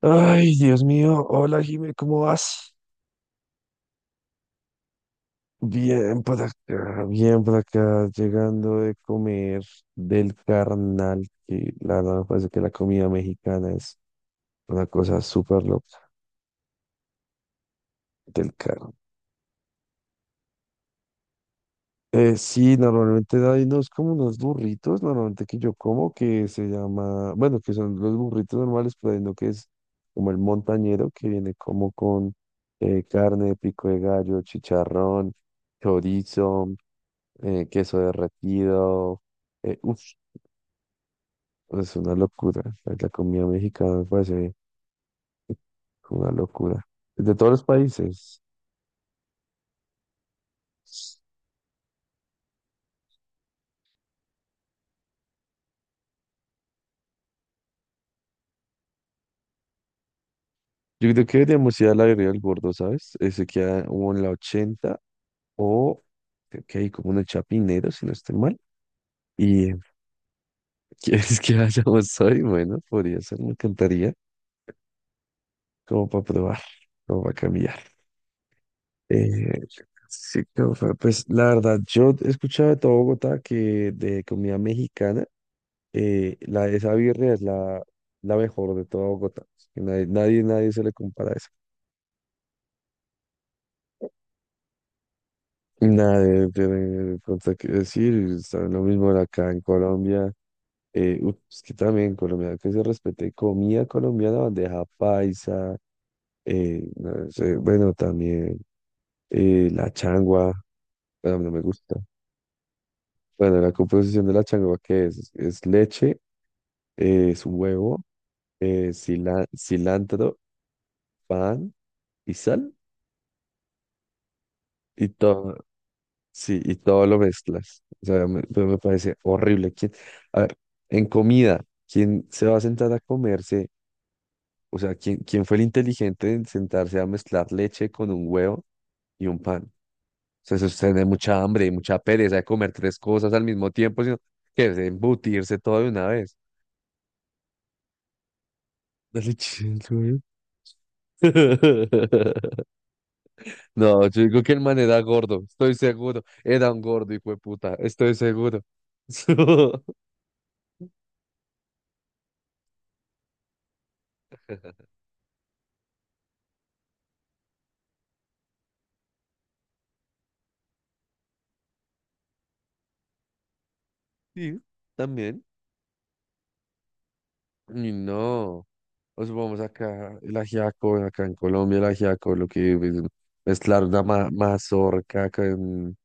Ay, Dios mío, hola Jimé, ¿cómo vas? Bien por acá, llegando de comer del carnal, que la verdad me parece que la comida mexicana es una cosa súper loca del carnal. Sí, normalmente hay unos como unos burritos, normalmente que yo como, que se llama, bueno, que son los burritos normales, pero hay uno que es como el montañero, que viene como con carne, pico de gallo, chicharrón, chorizo. Queso derretido. Uf, es una locura. Pues, la comida mexicana me parece una locura. De todos los países. Yo creo que deberíamos ir a la Guerrilla del Gordo, ¿sabes? Ese queda como en la 80 o creo que hay como en el Chapinero, si no estoy mal. Y quieres que vayamos hoy, bueno, podría ser, me encantaría, como para probar, como para cambiar. Eh, sí, pues la verdad, yo he escuchado de todo Bogotá que de comida mexicana. Esa birria es la mejor de toda Bogotá. Que nadie, nadie, nadie se le compara a esa. Y nada, de pronto que decir, saben lo mismo acá en Colombia. Es que también en Colombia que se respete comida colombiana, bandeja paisa, no sé, bueno, también la changua, bueno, no me gusta. Bueno, la composición de la changua, ¿qué es? Es leche, es huevo, cilantro, pan y sal. Y todo, Sí, y todo lo mezclas. O sea, pero me parece horrible. A ver, en comida, ¿quién se va a sentar a comerse? O sea, ¿quién fue el inteligente en sentarse a mezclar leche con un huevo y un pan? O sea, eso es tener mucha hambre y mucha pereza de comer tres cosas al mismo tiempo, sino que es embutirse todo de una vez. La leche del huevo. No, yo digo que el man era gordo, estoy seguro. Era un gordo, hijo de puta, estoy seguro. Sí, también. Y no, o supongamos acá el ajiaco, acá en Colombia el ajiaco, lo que es mezclar una mazorca con,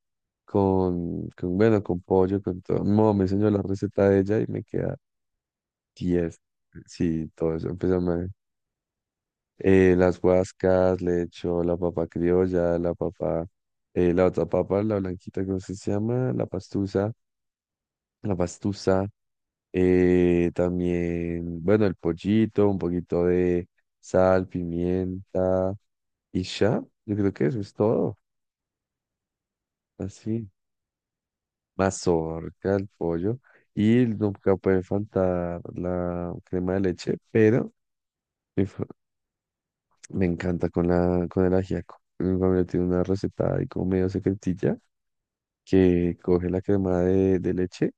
con, con, bueno, con pollo, con todo. Mi mamá me enseñó la receta de ella y me queda 10. Sí, todo eso. Empezamos las guascas, le echo la papa criolla, la papa, la otra papa, la blanquita, ¿cómo se llama? La pastusa, la pastusa. También, bueno, el pollito, un poquito de sal, pimienta y ya. Yo creo que eso es todo. Así, mazorca, el pollo. Y nunca puede faltar la crema de leche, pero mi fa- me encanta con con el ajiaco. Mi familia tiene una receta ahí como medio secretilla que coge la crema de leche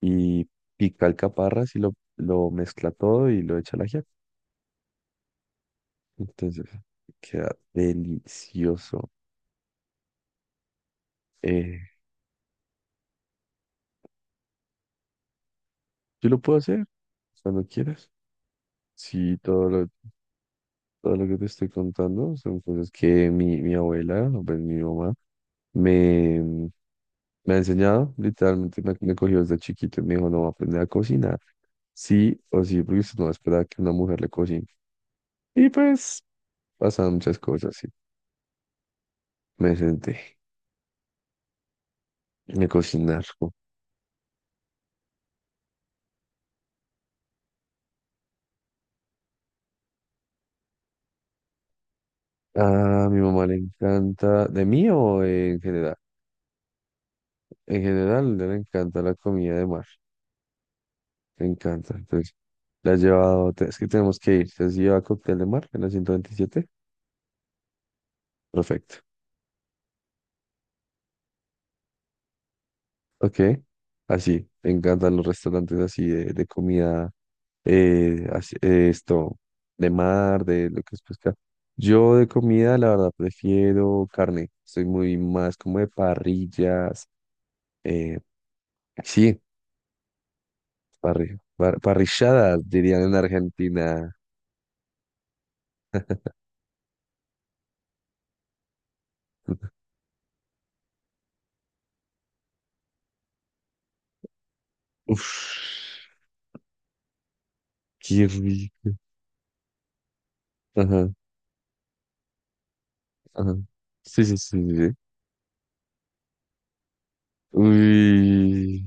y pica alcaparras y lo mezcla todo y lo echa al ajiaco. Entonces, queda delicioso. Eh, yo lo puedo hacer cuando quieras. Sí, todo lo que te estoy contando son cosas que mi abuela, o pues mi mamá, me, mm, me ha enseñado. Literalmente me cogió desde chiquito y me dijo, no, va a aprender a cocinar. Sí o sí, porque usted no espera que una mujer le cocine. Y pues pasan muchas cosas, sí. Me senté, me cocinar. A mi mamá le encanta, ¿de mí o en general? En general, le encanta la comida de mar, le encanta. Entonces, la ha llevado, es que tenemos que ir. Entonces, si lleva cóctel de mar en la 127. Perfecto. Ok. Así, le encantan los restaurantes así de comida, esto, de mar, de lo que es pesca. Yo de comida, la verdad, prefiero carne. Soy muy más como de parrillas. eh, sí, parrilladas, dirían en Argentina. Uf, qué rico. Ajá, ajá. Sí, sí, sí, sí. Sí. Uy.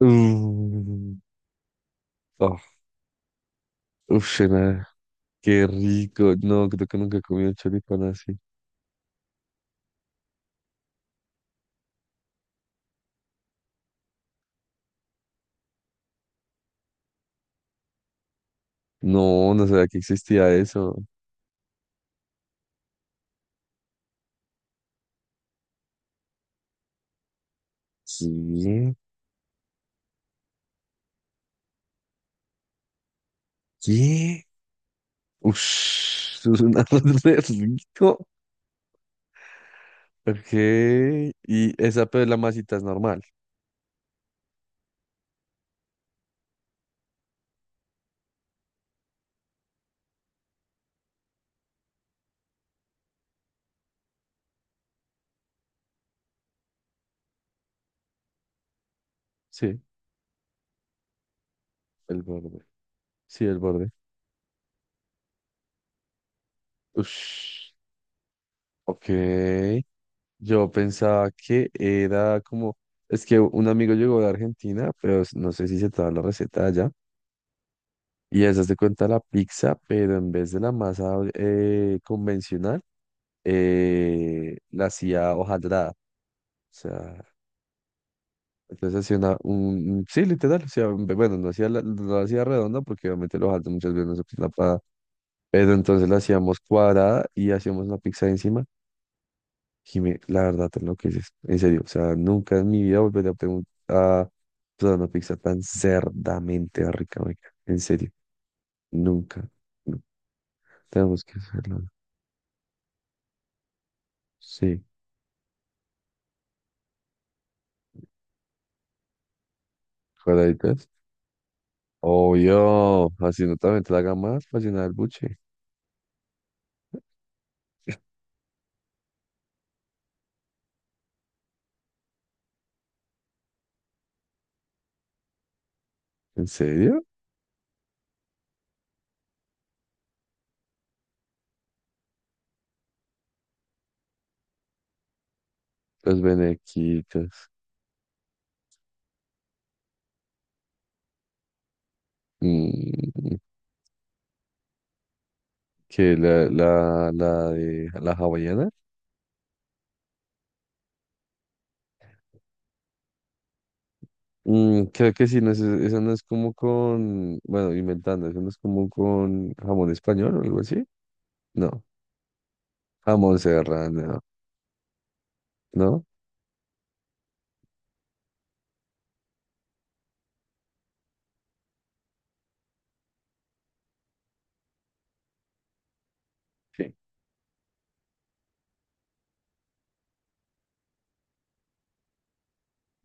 Mm. Oh, uf, nada. Qué rico. No, creo que nunca he comido choripán así. No, no sabía que existía eso. ¿Qué? ¿Qué? Uf, eso es un arroz re rico. Ok. Y esa, pero la masita es normal. Sí, el borde. Sí, el borde. Uf. Ok. Yo pensaba que era como, es que un amigo llegó de Argentina, pero no sé si se traba la receta allá, y esa se cuenta la pizza, pero en vez de la masa convencional, la hacía hojaldrada. O sea, entonces hacía un, sí, literal, o sea, bueno, no la hacía redonda porque obviamente la hojaldre muchas veces no se usa para, pero entonces la hacíamos cuadrada y hacíamos una pizza encima. Jime, la verdad te enloqueces, en serio, o sea, nunca en mi vida volveré a preguntar a probar una pizza tan cerdamente rica, marica, en serio, nunca, nunca, tenemos que hacerlo, ¿no? Sí, cuadraditas, obvio, así no también te la haga más para llenar el buche, en serio, los benequitos, mm, que la de la hawaiana, creo que sí, eso no es como con, bueno, inventando, eso no es como con jamón español o algo así. No, A Serrano, ¿no? Sí.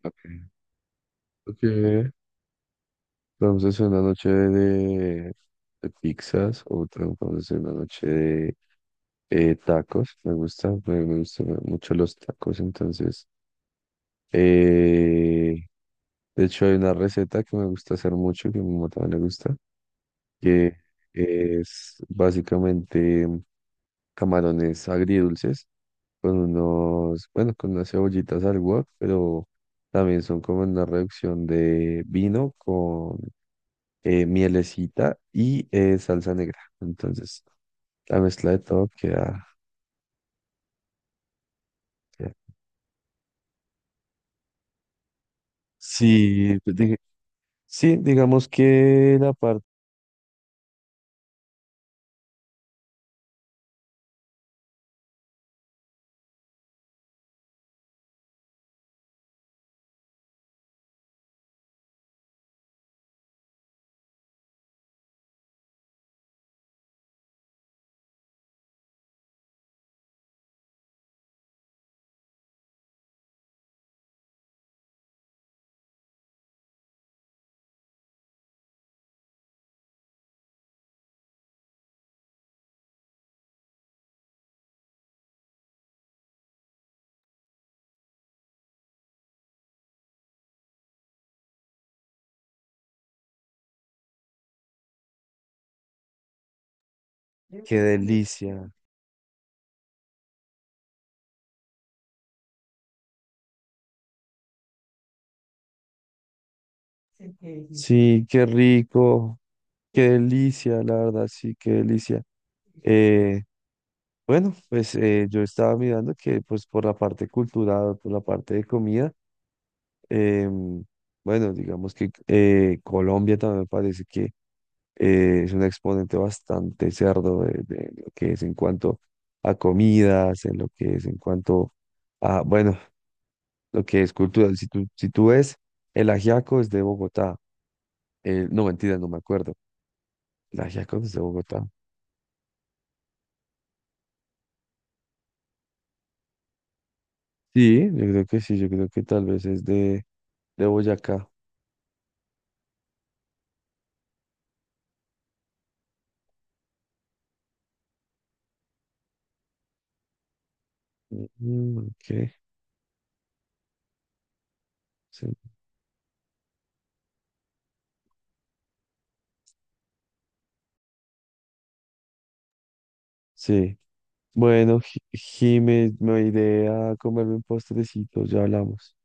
Ok. Ok. Vamos a hacer una noche de pizzas, otra vamos a hacer una noche de tacos. Me gusta, me gustan mucho los tacos, entonces. eh, de hecho, hay una receta que me gusta hacer mucho, que a mi mamá también le gusta, que es básicamente camarones agridulces. Con bueno, con unas cebollitas al wok, pero también son como una reducción de vino con mielecita y salsa negra. Entonces, la mezcla de todo queda. Sí, pues, sí, digamos que la parte, qué delicia. Sí, qué rico, qué delicia, la verdad, sí, qué delicia. Eh, bueno, pues yo estaba mirando que pues por la parte cultural, por la parte de comida, Em, bueno, digamos que Colombia también me parece que es un exponente bastante cerdo de lo que es en cuanto a comidas, en lo que es en cuanto a, bueno, lo que es cultural. Si tú ves, el ajiaco es de Bogotá. No, mentira, no me acuerdo. El ajiaco no es de Bogotá. Sí, yo creo que sí, yo creo que tal vez es de Boyacá. Mm, ok, sí. Sí. Bueno, Jimé, me iré a comerme un postrecito, ya hablamos.